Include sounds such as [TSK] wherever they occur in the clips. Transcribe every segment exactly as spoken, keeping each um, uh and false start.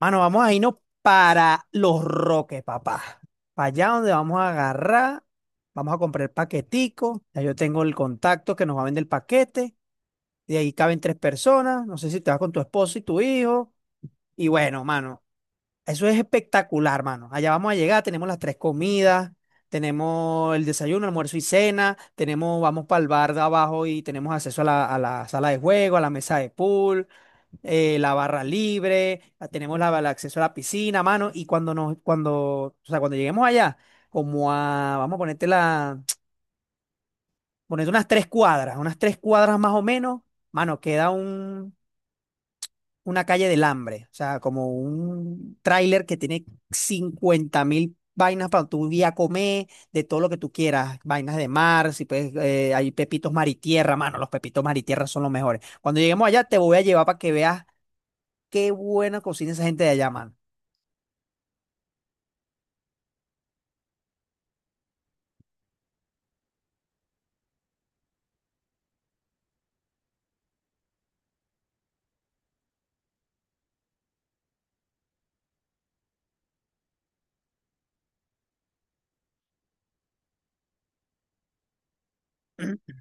Mano, vamos a irnos para Los Roques, papá. Para allá donde vamos a agarrar, vamos a comprar el paquetico. Ya yo tengo el contacto que nos va a vender el paquete. De ahí caben tres personas. No sé si te vas con tu esposo y tu hijo. Y bueno, mano, eso es espectacular, mano. Allá vamos a llegar, tenemos las tres comidas, tenemos el desayuno, almuerzo y cena, tenemos, vamos para el bar de abajo y tenemos acceso a la, a la sala de juego, a la mesa de pool, eh, la barra libre, la- tenemos la- el acceso a la piscina, mano, y cuando nos, cuando, o sea, cuando lleguemos allá, como a, vamos a ponerte la, [TSK] ponerte unas tres cuadras, unas tres cuadras más o menos, mano, queda un, una calle del hambre, o sea, como un tráiler que tiene cincuenta mil vainas para tu día comer, de todo lo que tú quieras, vainas de mar, si puedes, eh, hay pepitos mar y tierra, mano, los pepitos mar y tierra son los mejores. Cuando lleguemos allá te voy a llevar para que veas qué buena cocina esa gente de allá, mano. Ujú.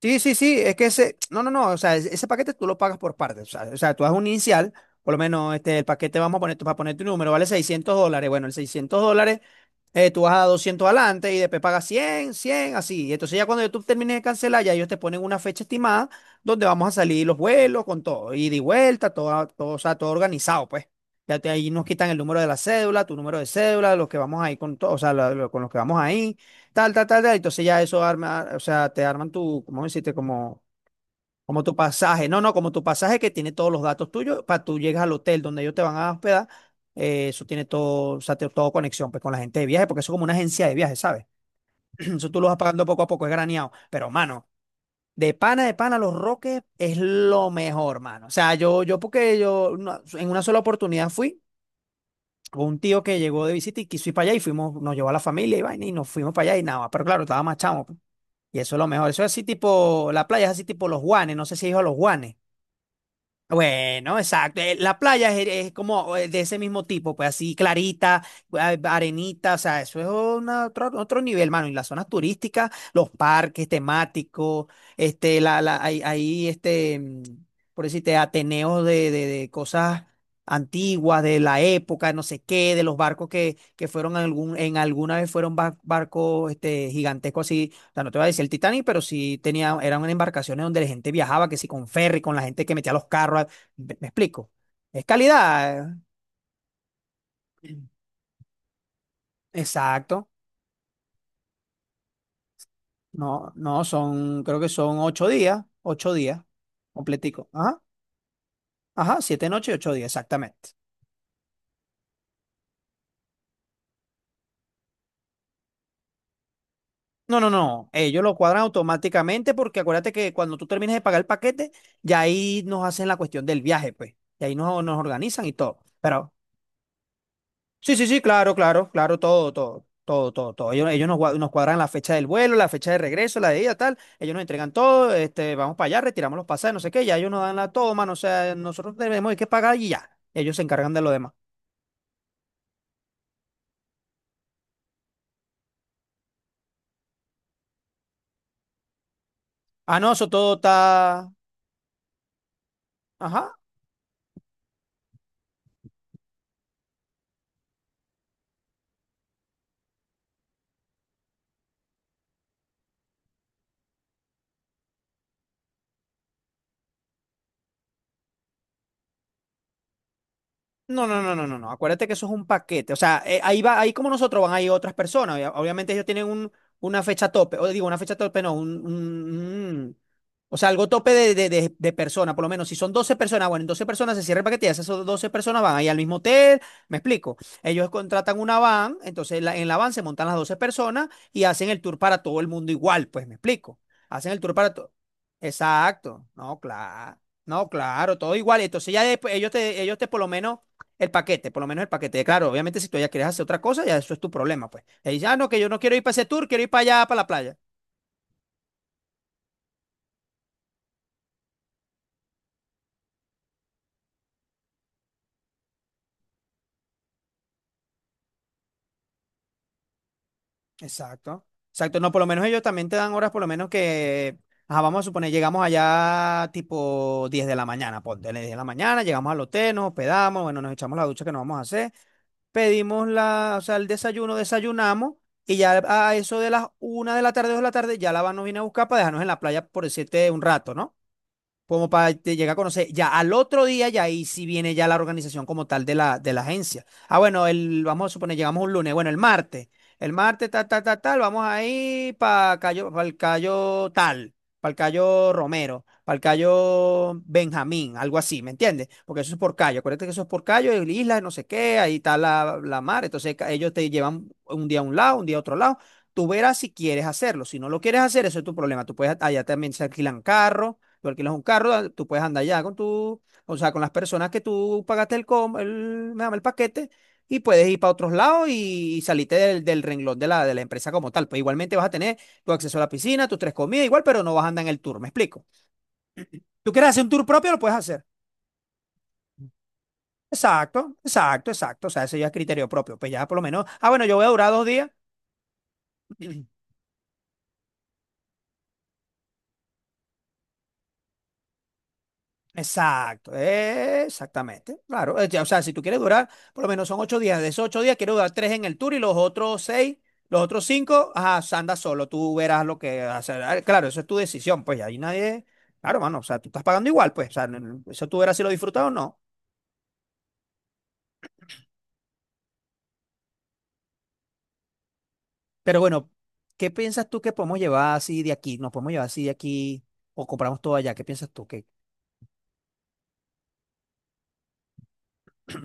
Sí, sí, sí, es que ese, no, no, no, o sea, ese ese paquete tú lo pagas por partes. O sea, o sea, tú haces un inicial, por lo menos este, el paquete vamos a poner, tú vas a poner tu número, vale seiscientos dólares, bueno, el seiscientos dólares. Eh, tú vas a doscientos adelante y después pagas cien cien así. Y entonces ya cuando YouTube termine de cancelar, ya ellos te ponen una fecha estimada donde vamos a salir los vuelos con todo, ida y vuelta, todo, todo, o sea, todo organizado, pues. Ya te, ahí nos quitan el número de la cédula, tu número de cédula, los que vamos ahí con todo, o sea, la- lo- con los que vamos ahí, tal, tal, tal, tal. Entonces ya eso arma, o sea, te arman tu, ¿cómo decirte? Como como tu pasaje, no, no, como tu pasaje que tiene todos los datos tuyos, para tú llegas al hotel donde ellos te van a hospedar. Eh, eso tiene todo, o sea, te- todo conexión pues, con la gente de viaje, porque eso es como una agencia de viaje, ¿sabes? [CLEARS THROAT] Eso tú lo vas pagando poco a poco, es graneado. Pero, mano, de pana, de pana, Los Roques es lo mejor, mano. O sea, yo, yo porque yo no- en una sola oportunidad fui, hubo un tío que llegó de visita y quiso ir para allá y fuimos, nos llevó a la familia y vaina y nos fuimos para allá y nada, pero claro, estaba más chamo, pues. Y eso es lo mejor, eso es así tipo, la playa es así tipo Los Guanes, no sé si has ido a Los Guanes. Bueno, exacto. Eh, La playa es, es como eh, de ese mismo tipo, pues así clarita, a- arenita, o sea, eso es una- otro, otro nivel, mano. Y las zonas turísticas, los parques temáticos, este, la, la, hay, hay, este, mm, por decirte, ateneos de, de, de cosas antiguas, de la época, no sé qué, de los barcos que, que fueron algún, en alguna vez fueron bar- barcos, este, gigantescos. O sea, no te voy a decir el Titanic, pero sí tenía, eran embarcaciones donde la gente viajaba, que sí con ferry, con la gente que metía los carros. ¿Me, me explico? Es calidad. eh, Exacto. No, no, son, creo que son ocho días, ocho días, completico. Ajá, ajá, siete noches y ocho días, exactamente. No, no, no, ellos lo cuadran automáticamente porque acuérdate que cuando tú termines de pagar el paquete, ya ahí nos hacen la cuestión del viaje, pues. Y ahí nos, nos organizan y todo. Pero sí, sí, sí, claro, claro, claro, todo, todo, todo, todo, todo. Ellos, ellos nos, gua- nos cuadran la fecha del vuelo, la fecha de regreso, la de ida, tal. Ellos nos entregan todo, este, vamos para allá, retiramos los pasajes, no sé qué, ya ellos nos dan la toma, no sé, nosotros tenemos que pagar y ya. Ellos se encargan de lo demás. Ah, no, eso todo está. Ajá. No, no, no, no, no, no. Acuérdate que eso es un paquete. O sea, eh, ahí va, ahí como nosotros van, ahí otras personas. Obvia- Obviamente ellos tienen un, una fecha tope. O digo, una fecha tope, no, un, un- un- o sea, algo tope de, de, de, de persona, por lo menos. Si son doce personas, bueno, en doce personas se cierra el paquete y esas son doce personas van ahí al mismo hotel. ¿Me explico? Ellos contratan una van, entonces la- en la van se montan las doce personas y hacen el tour para todo el mundo igual, pues, ¿me explico? Hacen el tour para todo. Exacto. No, claro. No, claro, todo igual. Entonces ya después ellos te, ellos te por lo menos el paquete, por lo menos el paquete. Claro, obviamente si tú ya quieres hacer otra cosa, ya eso es tu problema, pues. Y dice, ah, no, que yo no quiero ir para ese tour, quiero ir para allá, para la playa. Exacto. Exacto. No, por lo menos ellos también te dan horas, por lo menos que, ajá, vamos a suponer, llegamos allá tipo diez de la mañana, ponte, diez de la mañana, llegamos al hotel, nos hospedamos, bueno, nos echamos la ducha que nos vamos a hacer, pedimos la, o sea, el desayuno, desayunamos. Y ya a eso de las una de la tarde, dos de la tarde, ya la van nos viene a buscar para dejarnos en la playa por decirte un rato, ¿no? Como para te llegar a conocer. Ya al otro día, ya ahí sí viene ya la organización como tal de la, de la agencia. Ah, bueno, el, vamos a suponer, llegamos un lunes, bueno, el martes. El martes, tal, tal, tal, tal, vamos ahí para Cayo, para el Cayo tal, para el Cayo Romero, para el Cayo Benjamín, algo así, ¿me entiendes? Porque eso es por Cayo, acuérdate que eso es por Cayo, el isla, no sé qué, ahí está la, la mar. Entonces ca- ellos te llevan un día a un lado, un día a otro lado. Tú verás si quieres hacerlo. Si no lo quieres hacer, eso es tu problema. Tú puedes, allá también se alquilan carros. Tú alquilas un carro, ah, tú puedes andar ya con tu, o sea, con las personas que tú pagaste el, com- el, me llama el paquete y puedes ir para otros lados y, y salirte del, del renglón de la, de la empresa como tal. Pues igualmente vas a tener tu acceso a la piscina, tus tres comidas, igual, pero no vas a andar en el tour. ¿Me explico? ¿Tú quieres hacer un tour propio? Lo puedes hacer. Exacto, exacto, exacto. O sea, ese ya es criterio propio. Pues ya por lo menos, ah, bueno, yo voy a durar dos días. [CLEARS THROAT] Exacto, eh, exactamente, claro. eh, ya, O sea, si tú quieres durar, por lo menos son ocho días. De esos ocho días, quiero durar tres en el tour y los otros seis, los otros cinco, ajá, anda solo, tú verás lo que hacer. Ah, claro, eso es tu decisión, pues y ahí nadie. Claro, mano, o sea, tú estás pagando igual, pues, o sea, n- eso tú verás si lo disfrutas o no. Pero bueno, ¿qué piensas tú que podemos llevar así de aquí? ¿Nos podemos llevar así de aquí o compramos todo allá? ¿Qué piensas tú? ¿Qué, [CLEARS THROAT] sí,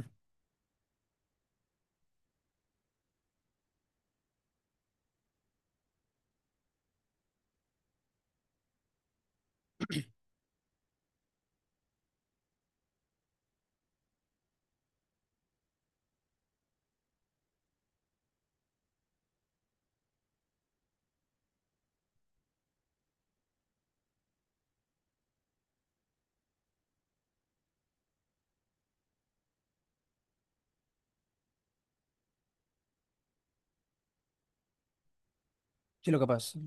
lo que pasa?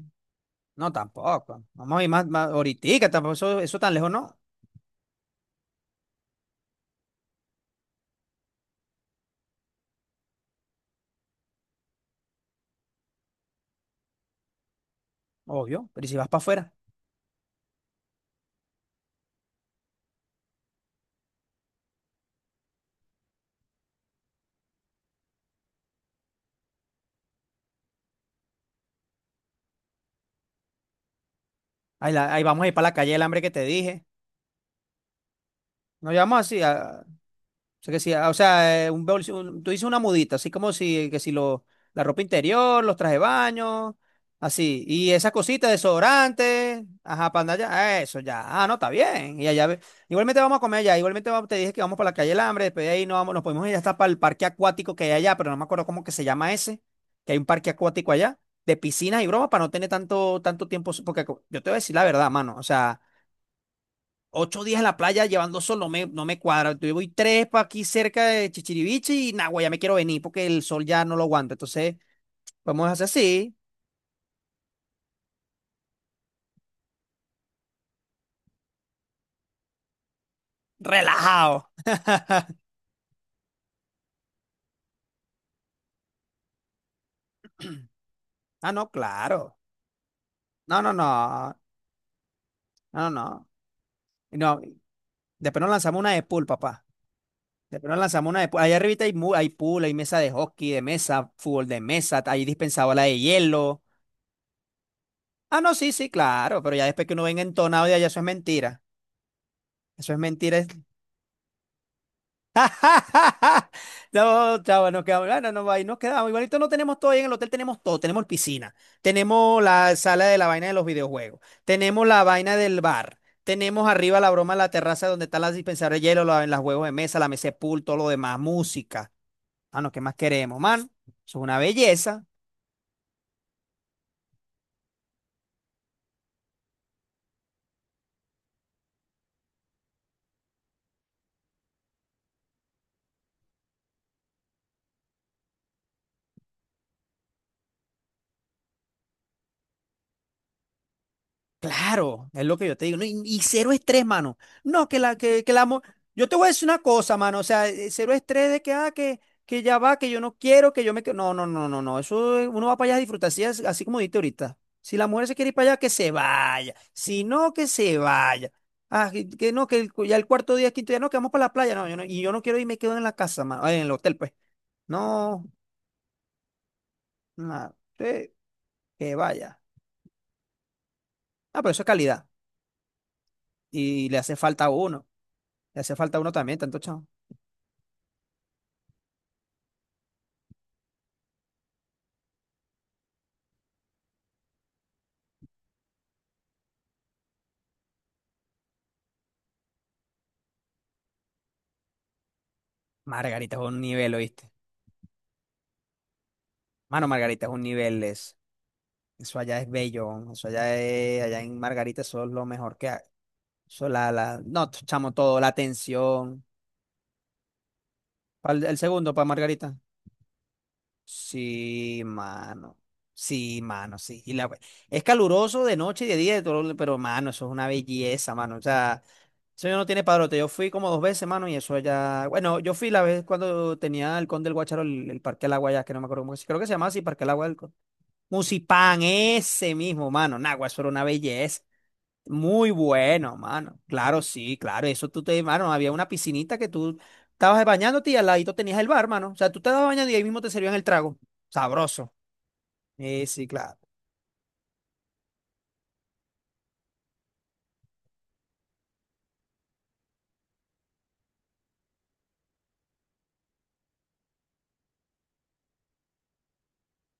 No, tampoco. Vamos a ir más, más ahoritica, tampoco, eso, eso tan lejos no, obvio, pero ¿y si vas para afuera? Ahí, la- ahí vamos a ir para la calle del hambre que te dije. Nos llevamos así, a- o sea, que sí, a- o sea, eh, un, bolso- un- tú dices una mudita, así como si, que si lo, la ropa interior, los trajes de baño, así. Y esas cositas, desodorante, ajá, para andar allá, eso ya, ah, no, está bien. Y allá, ve- igualmente vamos a comer allá, igualmente vamos- te dije que vamos para la calle del hambre, después de ahí nos, vamos, nos podemos ir hasta para el parque acuático que hay allá, pero no me acuerdo cómo que se llama ese, que hay un parque acuático allá, de piscinas y bromas, para no tener tanto, tanto tiempo, porque co- yo te voy a decir la verdad, mano, o sea. Ocho días en la playa llevando sol no me, no me cuadra. Yo voy tres para aquí cerca de Chichiriviche y Nagua, ya me quiero venir porque el sol ya no lo aguanta. Entonces, podemos hacer así, relajado. Ah, no, claro. No, no, no. No, no. No, después nos lanzamos una de pool, papá. Después nos lanzamos una de pool. Allá arriba hay, mu- hay pool, hay mesa de hockey, de mesa, fútbol de mesa, hay dispensadora de hielo. Ah, no, sí, sí, claro, pero ya después que uno venga entonado, ya, ya eso es mentira. Eso es mentira. [LAUGHS] No, chava, nos quedamos, bueno, no, no, ahí nos quedamos. Igualito no tenemos todo ahí en el hotel, tenemos todo, tenemos piscina, tenemos la sala de la vaina de los videojuegos, tenemos la vaina del bar, tenemos arriba la broma, la terraza donde están las dispensadoras de hielo, la- los juegos de mesa, la mesa de pool, todo lo demás, música. Mano, ¿qué más queremos, man? Eso es una belleza. Claro, es lo que yo te digo, ¿no? Y, y cero estrés, mano. No, que la, que, que la mo- yo te voy a decir una cosa, mano. O sea, eh, cero estrés de que, ah, que, que ya va, que yo no quiero, que yo me, que- no, no, no, no, no. Eso eh, uno va para allá a disfrutar, así, as- así como dijiste ahorita. Si la mujer se quiere ir para allá, que se vaya. Si no, que se vaya. Ah, que, que no, que el cu- ya el cuarto día, quinto día, no, que vamos para la playa. No, yo no, y yo no quiero ir, me quedo en la casa, mano. ah, En el hotel, pues. No, nada. Que vaya. Ah, pero eso es calidad. Y le hace falta a uno. Le hace falta a uno también, tanto chao. Margarita es un nivel, ¿oíste? Mano, Margarita es un nivel, es- eso allá es bello, eso allá es- allá en Margarita eso es lo mejor que hay. Eso la, la, no, t- chamo, todo, la atención. ¿Cuál- el segundo para Margarita? Sí, mano, sí, mano, sí. Y la, es caluroso de noche y de día, de todo, pero, mano, eso es una belleza, mano, o sea, eso ya no tiene padrote. Yo fui como dos veces, mano, y eso allá, bueno, yo fui la vez cuando tenía el Conde del Guacharo, el, el Parque del Agua allá, que no me acuerdo cómo se, creo que se llamaba así, Parque del Agua, Musipan, ese mismo, mano. Nagua, eso era una belleza. Muy bueno, mano. Claro, sí, claro. Eso tú te, mano, había una piscinita que tú estabas bañándote y al ladito tenías el bar, mano. O sea, tú te estabas bañando y ahí mismo te servían el trago. Sabroso. Sí, sí, claro.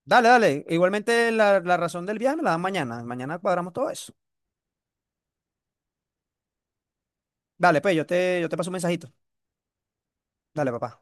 Dale, dale. Igualmente la, la razón del viaje me la dan mañana. Mañana cuadramos todo eso. Dale, pues, yo te, yo te paso un mensajito. Dale, papá.